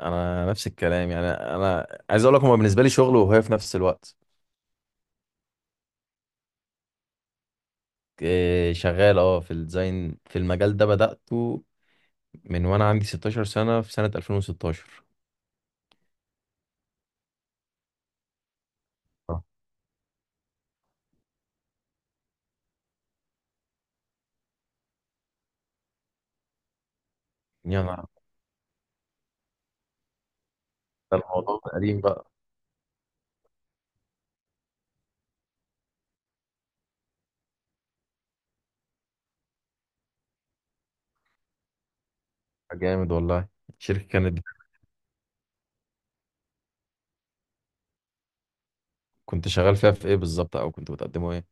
انا نفس الكلام، يعني انا عايز اقول لك، هو بالنسبه لي شغل وهي في نفس الوقت. إيه، شغال في الديزاين، في المجال ده بدأته من وانا عندي 16 سنه في سنه 2016. آه. يعني ده الموضوع قديم بقى. جامد والله. الشركه كانت. كنت شغال فيها في ايه بالظبط، او كنت بتقدموا ايه؟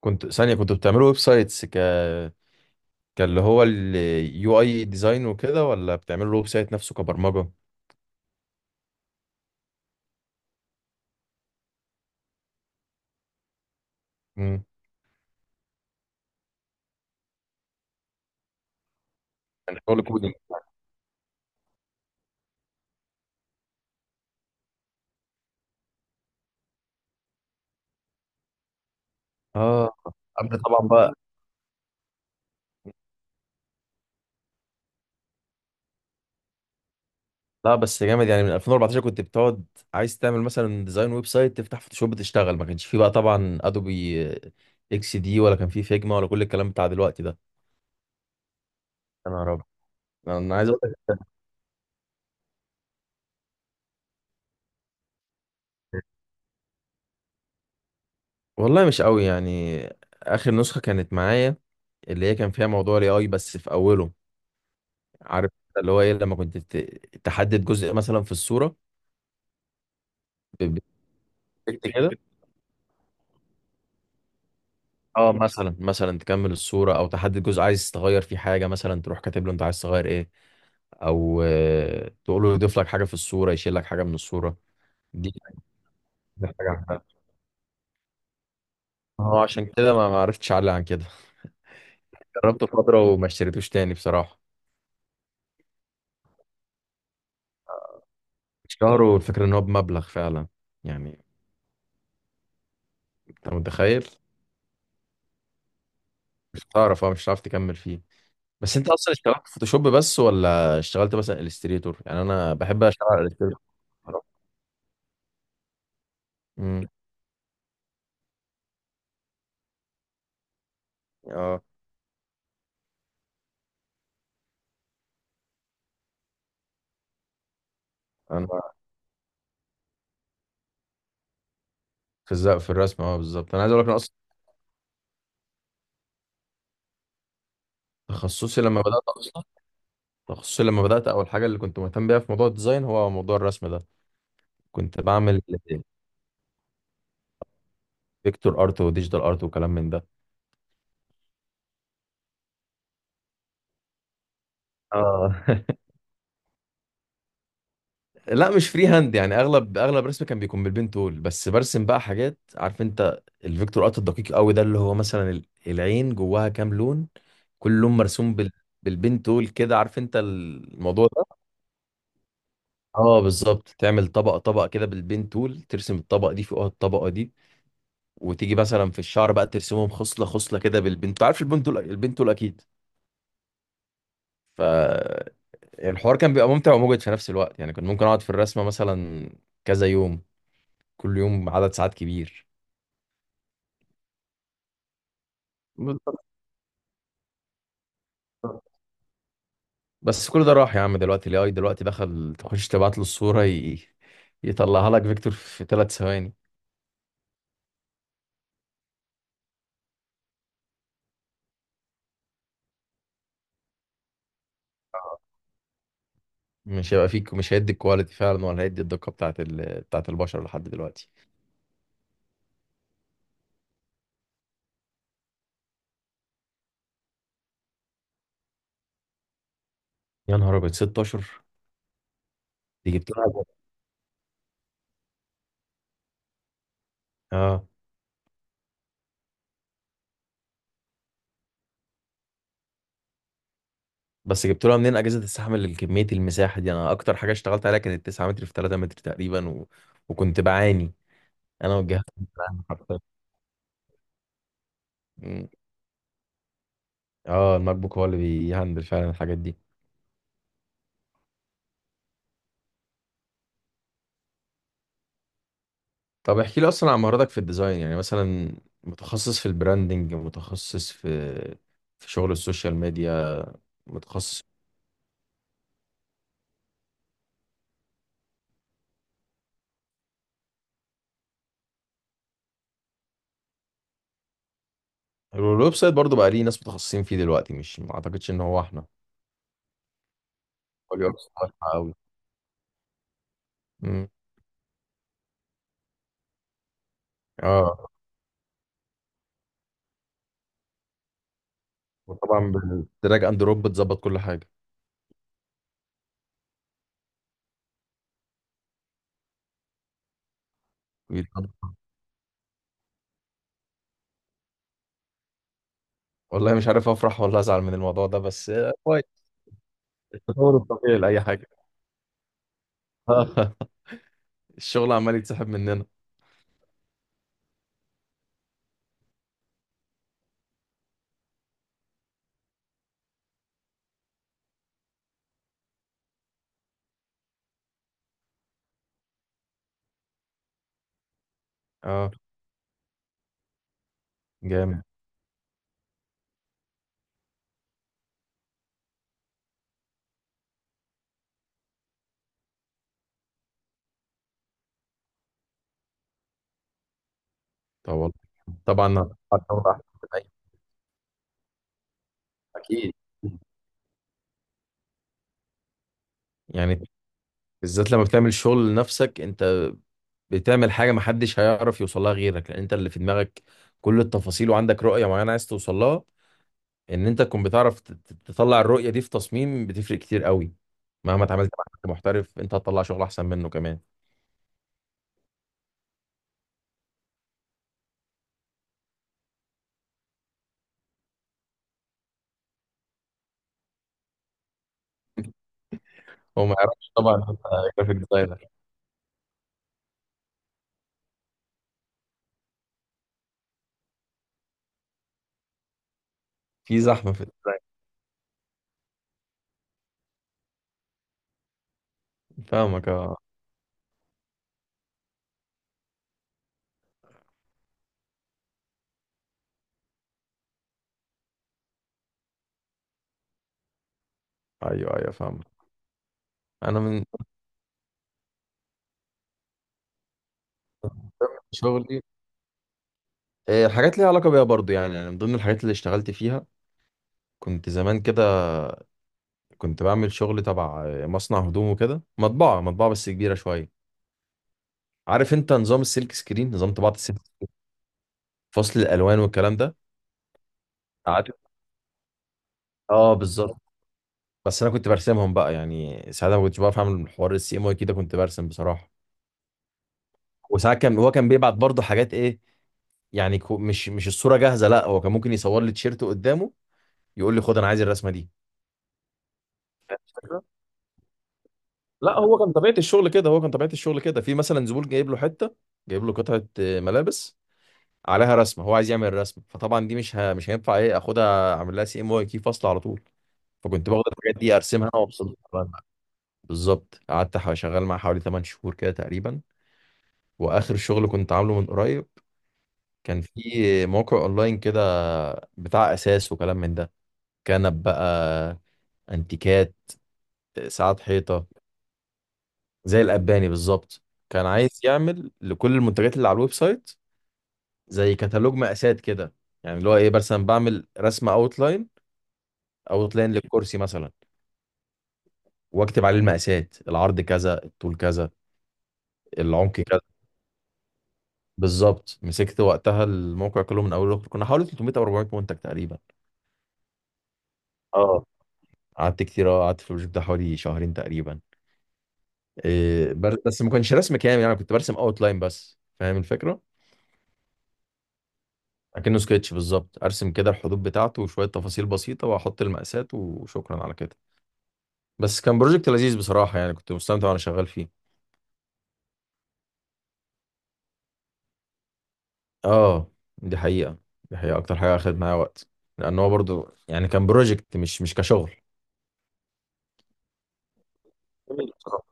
كنت ثانيه، كنتوا بتعملوا ويب سايتس كان اللي هو اليو اي ديزاين وكده، ولا بتعملوا الويب سايت نفسه كبرمجه؟ امم. كان شغل كودينج. اه، قبل طبعا بقى. لا بس جامد، يعني من 2014 كنت بتقعد عايز تعمل مثلا ديزاين ويب سايت، تفتح فوتوشوب تشتغل. ما كانش فيه بقى طبعا ادوبي اكس دي، ولا كان فيه فيجما، ولا كل الكلام بتاع دلوقتي ده. يا نهار ابيض! انا عايز اقول لك، والله مش قوي يعني. اخر نسخه كانت معايا، اللي هي كان فيها موضوع الاي اي بس في اوله، عارف؟ اللي هو ايه، لما كنت تحدد جزء مثلا في الصوره، ب- بتكت كده. اه، مثلا تكمل الصوره، او تحدد جزء عايز تغير فيه حاجه، مثلا تروح كاتب له انت عايز تغير ايه، او تقول له يضيف لك حاجه في الصوره، يشيل لك حاجه من الصوره. دي أكتر حاجه عملها. هو عشان كده ما عرفتش اعلى عن كده. جربته فتره وما اشتريتوش تاني بصراحه. الشهر، والفكره ان هو بمبلغ فعلا، يعني انت متخيل. مش هتعرف، اه مش هتعرف تكمل فيه. بس انت اصلا اشتغلت فوتوشوب بس، ولا اشتغلت مثلا الستريتور؟ يعني انا بحب اشتغل على الستريتور بصراحة. امم، اه. انا في الزق في الرسم، اه بالظبط. انا عايز اقول لك، انا اصلا تخصصي لما بدات اصلا، تخصصي لما بدات اول حاجه اللي كنت مهتم بيها في موضوع الديزاين هو موضوع الرسم ده. كنت بعمل فيكتور ارت وديجيتال ارت وكلام من ده. اه. لا، مش فري هاند يعني، اغلب رسمي كان بيكون بالبين تول، بس برسم بقى حاجات، عارف انت الفيكتور ارت الدقيق قوي ده، اللي هو مثلا العين جواها كام لون، كل لون مرسوم بالبين تول كده، عارف انت الموضوع ده. اه بالظبط، تعمل طبقه طبقه كده بالبين تول، ترسم الطبقه دي فوقها الطبقه دي، وتيجي مثلا في الشعر بقى ترسمهم خصله خصله كده بالبين. انت عارف البين تول، البين تول اكيد. ف يعني الحوار كان بيبقى ممتع ومجهد في نفس الوقت، يعني كنت ممكن اقعد في الرسمه مثلا كذا يوم، كل يوم عدد ساعات كبير. بالظبط. بس كل ده راح يا عم، دلوقتي الاي اي دلوقتي دخل، تخش تبعت له الصوره يطلعها لك فيكتور في 3 ثواني. مش هيبقى فيك مش هيدي الكواليتي فعلا، ولا هيدي الدقه بتاعت بتاعت البشر لحد دلوقتي. يا نهار ابيض 16! دي جبت لها جوه. اه بس جبت لها منين اجهزه تستحمل الكميه المساحه دي؟ انا اكتر حاجه اشتغلت عليها كانت 9 متر في 3 متر تقريبا، و... وكنت بعاني انا والجهاز. مم. اه، الماك بوك هو اللي بيهندل فعلا الحاجات دي. طب احكي لي اصلا عن مهاراتك في الديزاين، يعني مثلا متخصص في البراندنج، متخصص في شغل السوشيال ميديا، متخصص الويب سايت برضه بقى؟ ليه ناس متخصصين فيه دلوقتي؟ مش، ما اعتقدش ان هو احنا. هو اليو اكس قوي. مم. اه، وطبعا بالدراج اند دروب بتظبط كل حاجه. بيتظبط. والله مش عارف افرح ولا ازعل من الموضوع ده، بس كويس، التطور الطبيعي لاي حاجه. الشغل عمال يتسحب مننا. اه جامد. طب والله. طبعا هتطلع أحسن من اكيد. يعني بالذات لما بتعمل شغل لنفسك انت، بتعمل حاجه محدش هيعرف يوصلها غيرك، لان انت اللي في دماغك كل التفاصيل، وعندك رؤيه معينه عايز توصلها، ان انت تكون بتعرف تطلع الرؤيه دي في تصميم بتفرق كتير قوي. مهما اتعاملت مع حد محترف، انت هتطلع شغل احسن منه كمان. هو ما يعرفش طبعا إن انت جرافيك ديزاينر. في زحمه، في. فاهمك اه. ايوه ايوه فاهمك. انا من شغلي الحاجات ليها علاقه بيها برضو يعني، يعني من ضمن الحاجات اللي اشتغلت فيها، كنت زمان كده كنت بعمل شغل تبع مصنع هدوم وكده، مطبعة مطبعة بس كبيرة شوية. عارف انت نظام السلك سكرين، نظام طباعة السلك. فصل الألوان والكلام ده. قعدت. اه بالظبط. بس انا كنت برسمهم بقى يعني، ساعتها ما كنتش بعرف اعمل حوار السي ام واي كده، كنت برسم بصراحة. وساعات كان هو كان بيبعت برضه حاجات ايه، يعني مش الصورة جاهزة. لا هو كان ممكن يصور لي تيشيرت قدامه، يقول لي خد انا عايز الرسمة دي. لا، هو كان طبيعة الشغل كده، هو كان طبيعة الشغل كده، في مثلا زبون جايب له حتة، جايب له قطعة ملابس، عليها رسمه هو عايز يعمل رسمه، فطبعا دي مش هينفع ايه اخدها اعمل لها سي ام واي كي فصل على طول. فكنت باخد الحاجات دي ارسمها وابسطها. بالظبط، قعدت شغال معاه حوالي 8 شهور كده تقريبا. واخر شغل كنت عامله من قريب كان في موقع اونلاين كده، بتاع اساس وكلام من ده، كنب بقى، انتيكات، ساعات حيطه، زي الاباني بالظبط. كان عايز يعمل لكل المنتجات اللي على الويب سايت زي كتالوج مقاسات كده. يعني اللي هو ايه، مثلا بعمل رسمه اوتلاين، او اوت لاين للكرسي مثلا، واكتب عليه المقاسات، العرض كذا، الطول كذا، العمق كذا. بالظبط، مسكت وقتها الموقع كله من اول لاخر، كنا حوالي 300 او 400 منتج تقريبا. اه قعدت كتير أوي، قعدت في البروجكت ده حوالي شهرين تقريبا. إيه، بس ما كانش رسم كامل يعني، كنت برسم اوت لاين بس، فاهم الفكره. اكنه سكتش بالظبط، ارسم كده الحدود بتاعته وشويه تفاصيل بسيطه، واحط المقاسات وشكرا على كده. بس كان بروجكت لذيذ بصراحه، يعني كنت مستمتع وانا شغال فيه. اه دي حقيقة، دي حقيقة اكتر حاجة اخدت معايا وقت، لان هو برضو يعني كان بروجكت مش كشغل. جميل بصراحة.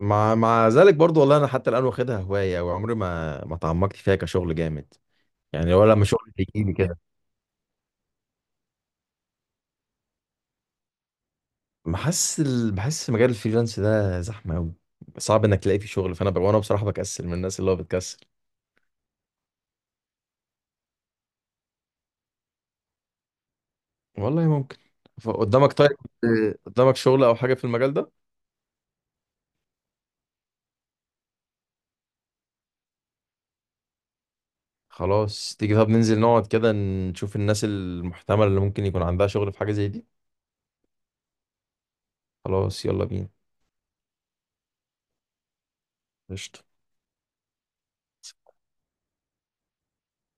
مع ذلك برضو والله، انا حتى الان واخدها هواية، وعمري ما تعمقت فيها كشغل جامد يعني، ولا لما شغل بيجي لي كده. بحس بحس مجال الفريلانس ده زحمة قوي، صعب انك تلاقي فيه شغل. فانا وانا بصراحة بكسل من الناس، اللي هو بتكسل. والله ممكن. قدامك طيب، قدامك شغل او حاجة في المجال ده؟ خلاص تيجي، طب ننزل نقعد كده نشوف الناس المحتملة اللي ممكن يكون عندها شغل في حاجة زي دي. خلاص يلا بينا. قشطة.